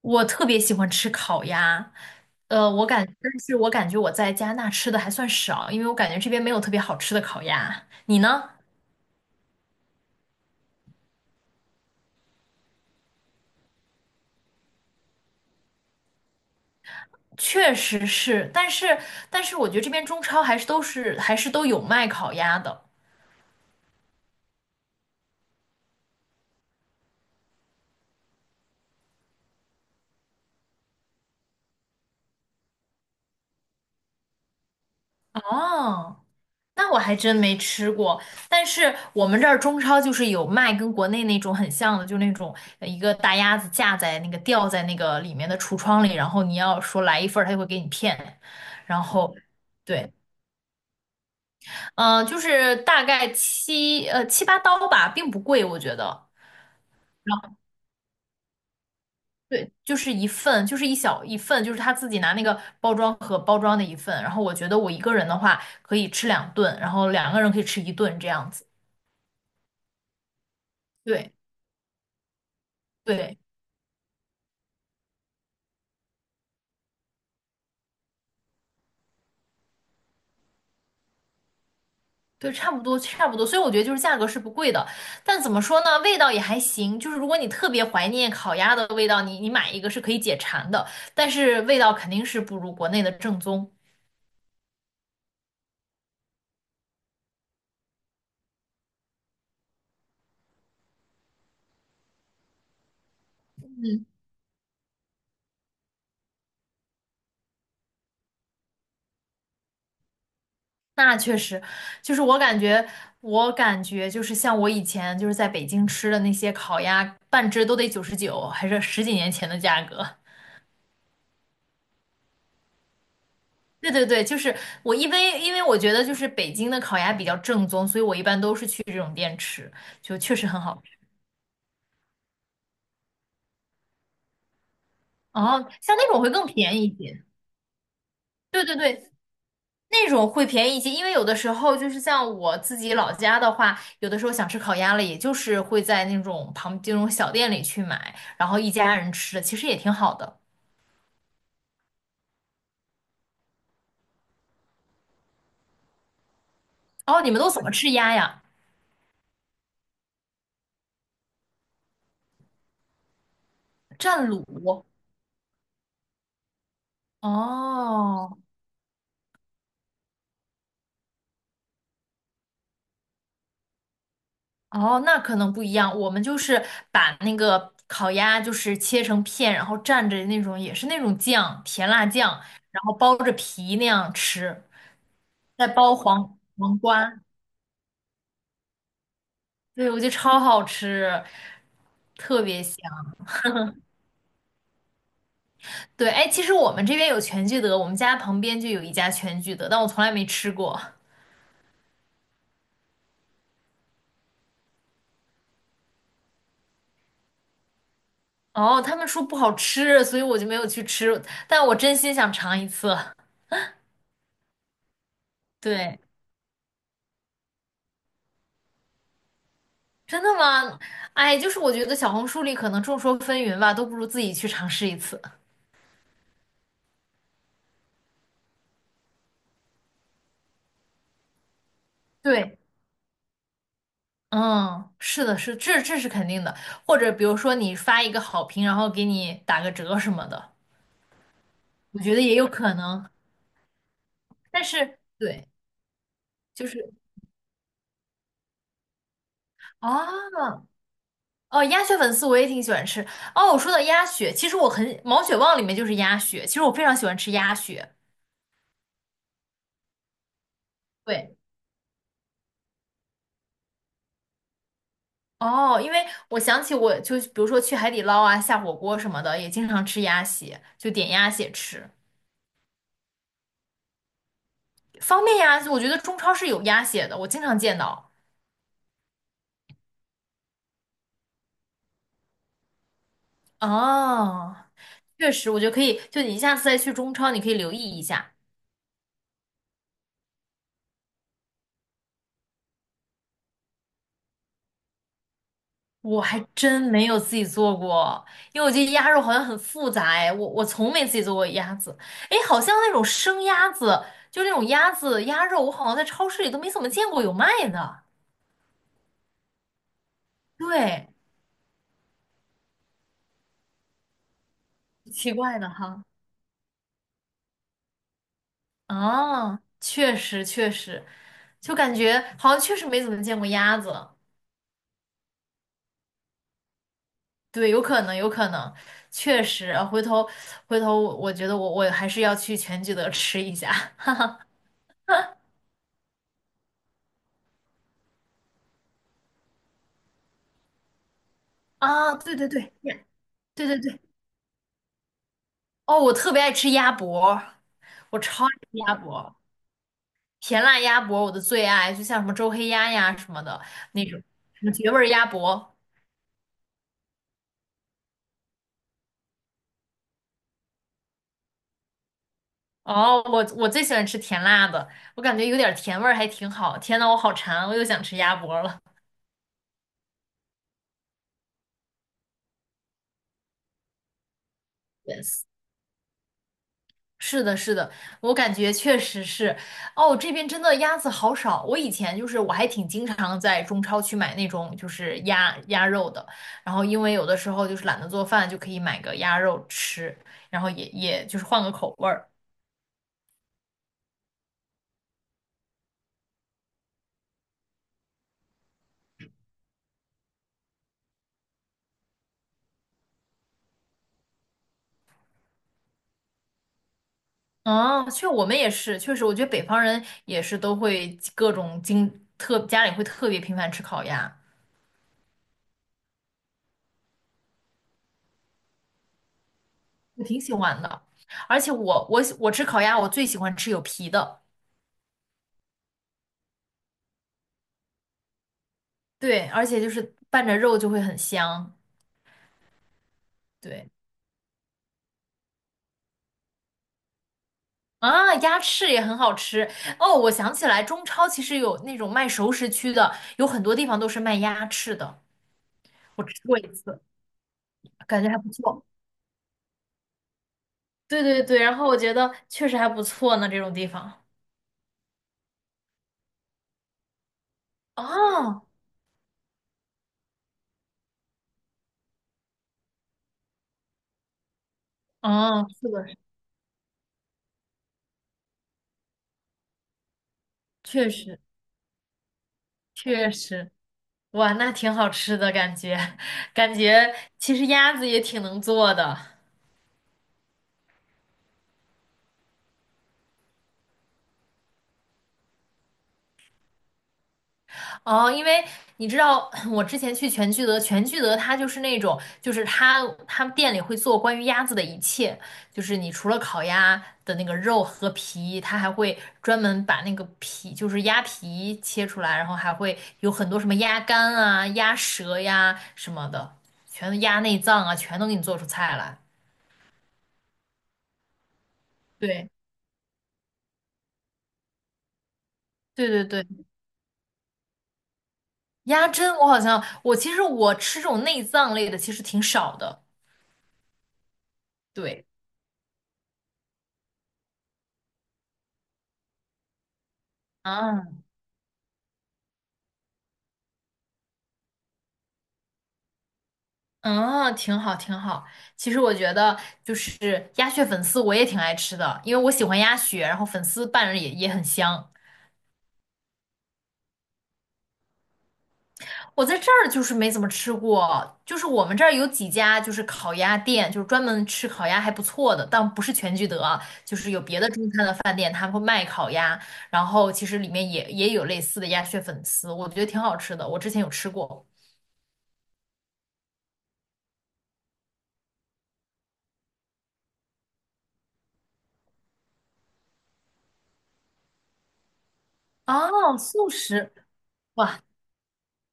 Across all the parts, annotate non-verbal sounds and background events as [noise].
我特别喜欢吃烤鸭，但是我感觉我在加拿大吃的还算少，因为我感觉这边没有特别好吃的烤鸭。你呢？确实是，但是我觉得这边中超还是都有卖烤鸭的。哦，那我还真没吃过，但是我们这儿中超就是有卖跟国内那种很像的，就那种一个大鸭子架在那个吊在那个里面的橱窗里，然后你要说来一份儿，他就会给你片，然后。对。嗯，就是大概7、8刀吧，并不贵，我觉得。对，就是一份，就是一小一份，就是他自己拿那个包装盒包装的一份。然后我觉得我一个人的话可以吃两顿，然后两个人可以吃一顿这样子。对对对，差不多差不多。所以我觉得就是价格是不贵的，但怎么说呢，味道也还行。就是如果你特别怀念烤鸭的味道，你买一个是可以解馋的，但是味道肯定是不如国内的正宗。那确实，就是我感觉，我感觉就是像我以前就是在北京吃的那些烤鸭，半只都得99，还是十几年前的价格。[laughs] 对对对，就是我因为我觉得就是北京的烤鸭比较正宗，所以我一般都是去这种店吃，就确实很好吃。哦，像那种会更便宜一些。对对对，那种会便宜一些，因为有的时候就是像我自己老家的话，有的时候想吃烤鸭了，也就是会在那种旁这种小店里去买，然后一家人吃的，其实也挺好的。哦，你们都怎么吃鸭呀？蘸卤？哦哦，那可能不一样。我们就是把那个烤鸭就是切成片，然后蘸着那种也是那种酱，甜辣酱，然后包着皮那样吃，再包黄瓜。对，我觉得超好吃，特别香。对，哎，其实我们这边有全聚德，我们家旁边就有一家全聚德，但我从来没吃过。哦，他们说不好吃，所以我就没有去吃，但我真心想尝一次。对，真的吗？哎，就是我觉得小红书里可能众说纷纭吧，都不如自己去尝试一次。对，嗯，是的，是，这是肯定的。或者比如说你发一个好评，然后给你打个折什么的，我觉得也有可能。但是，对，就是。啊，哦，鸭血粉丝我也挺喜欢吃。哦，我说到鸭血，其实我很毛血旺里面就是鸭血，其实我非常喜欢吃鸭血。对，哦，因为我想起我就比如说去海底捞啊下火锅什么的，也经常吃鸭血，就点鸭血吃，方便呀。我觉得中超是有鸭血的，我经常见到。哦，确实，我觉得可以，就你下次再去中超，你可以留意一下。我还真没有自己做过，因为我觉得鸭肉好像很复杂哎，我从没自己做过鸭子，哎，好像那种生鸭子，就那种鸭子鸭肉，我好像在超市里都没怎么见过有卖的，对，奇怪的哈，啊，确实确实，就感觉好像确实没怎么见过鸭子，对，有可能有可能，确实，回头我觉得我还是要去全聚德吃一下 [laughs] 啊，对对对，对对对。哦，我特别爱吃鸭脖，我超爱吃鸭脖，甜辣鸭脖我的最爱，就像什么周黑鸭呀什么的那种，什么绝味儿鸭脖。哦，我最喜欢吃甜辣的，我感觉有点甜味儿还挺好。天呐，我好馋，我又想吃鸭脖了。Yes。是的，是的，我感觉确实是，哦，这边真的鸭子好少。我以前就是我还挺经常在中超去买那种就是鸭肉的，然后因为有的时候就是懒得做饭，就可以买个鸭肉吃，然后也就是换个口味儿。嗯，我们也是，确实，我觉得北方人也是都会各种经特家里会特别频繁吃烤鸭，我挺喜欢的。而且我吃烤鸭，我最喜欢吃有皮的，对，而且就是拌着肉就会很香。对。啊，鸭翅也很好吃哦！我想起来，中超其实有那种卖熟食区的，有很多地方都是卖鸭翅的。我吃过一次，感觉还不错。对对对，然后我觉得确实还不错呢，这种地方。哦哦，是的，确实确实，哇，那挺好吃的感觉，[laughs] 感觉其实鸭子也挺能做的。哦，因为你知道，[clears throat] 我之前去全聚德，全聚德它就是那种，就是他们店里会做关于鸭子的一切，就是你除了烤鸭的那个肉和皮，它还会专门把那个皮，就是鸭皮切出来，然后还会有很多什么鸭肝啊、鸭舌呀什么的，全都鸭内脏啊，全都给你做出菜来。对对对对，鸭胗我好像我其实我吃这种内脏类的其实挺少的。对啊，嗯，挺好，挺好。其实我觉得，就是鸭血粉丝我也挺爱吃的，因为我喜欢鸭血，然后粉丝拌着也很香。我在这儿就是没怎么吃过，就是我们这儿有几家就是烤鸭店，就是专门吃烤鸭还不错的，但不是全聚德啊就是有别的中餐的饭店，他们会卖烤鸭，然后其实里面也有类似的鸭血粉丝，我觉得挺好吃的，我之前有吃过。哦，素食。哇，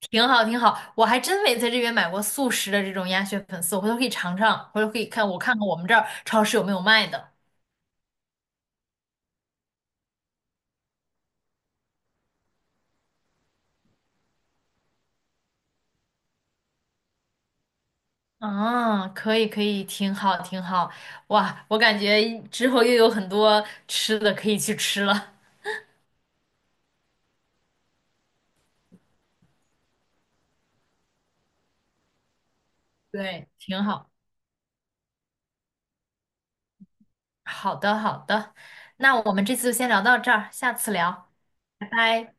挺好，挺好，我还真没在这边买过速食的这种鸭血粉丝，我回头可以尝尝，回头可以看看看我们这儿超市有没有卖的。啊，可以可以，挺好挺好，哇，我感觉之后又有很多吃的可以去吃了，对，挺好。好的好的，那我们这次就先聊到这儿，下次聊，拜拜。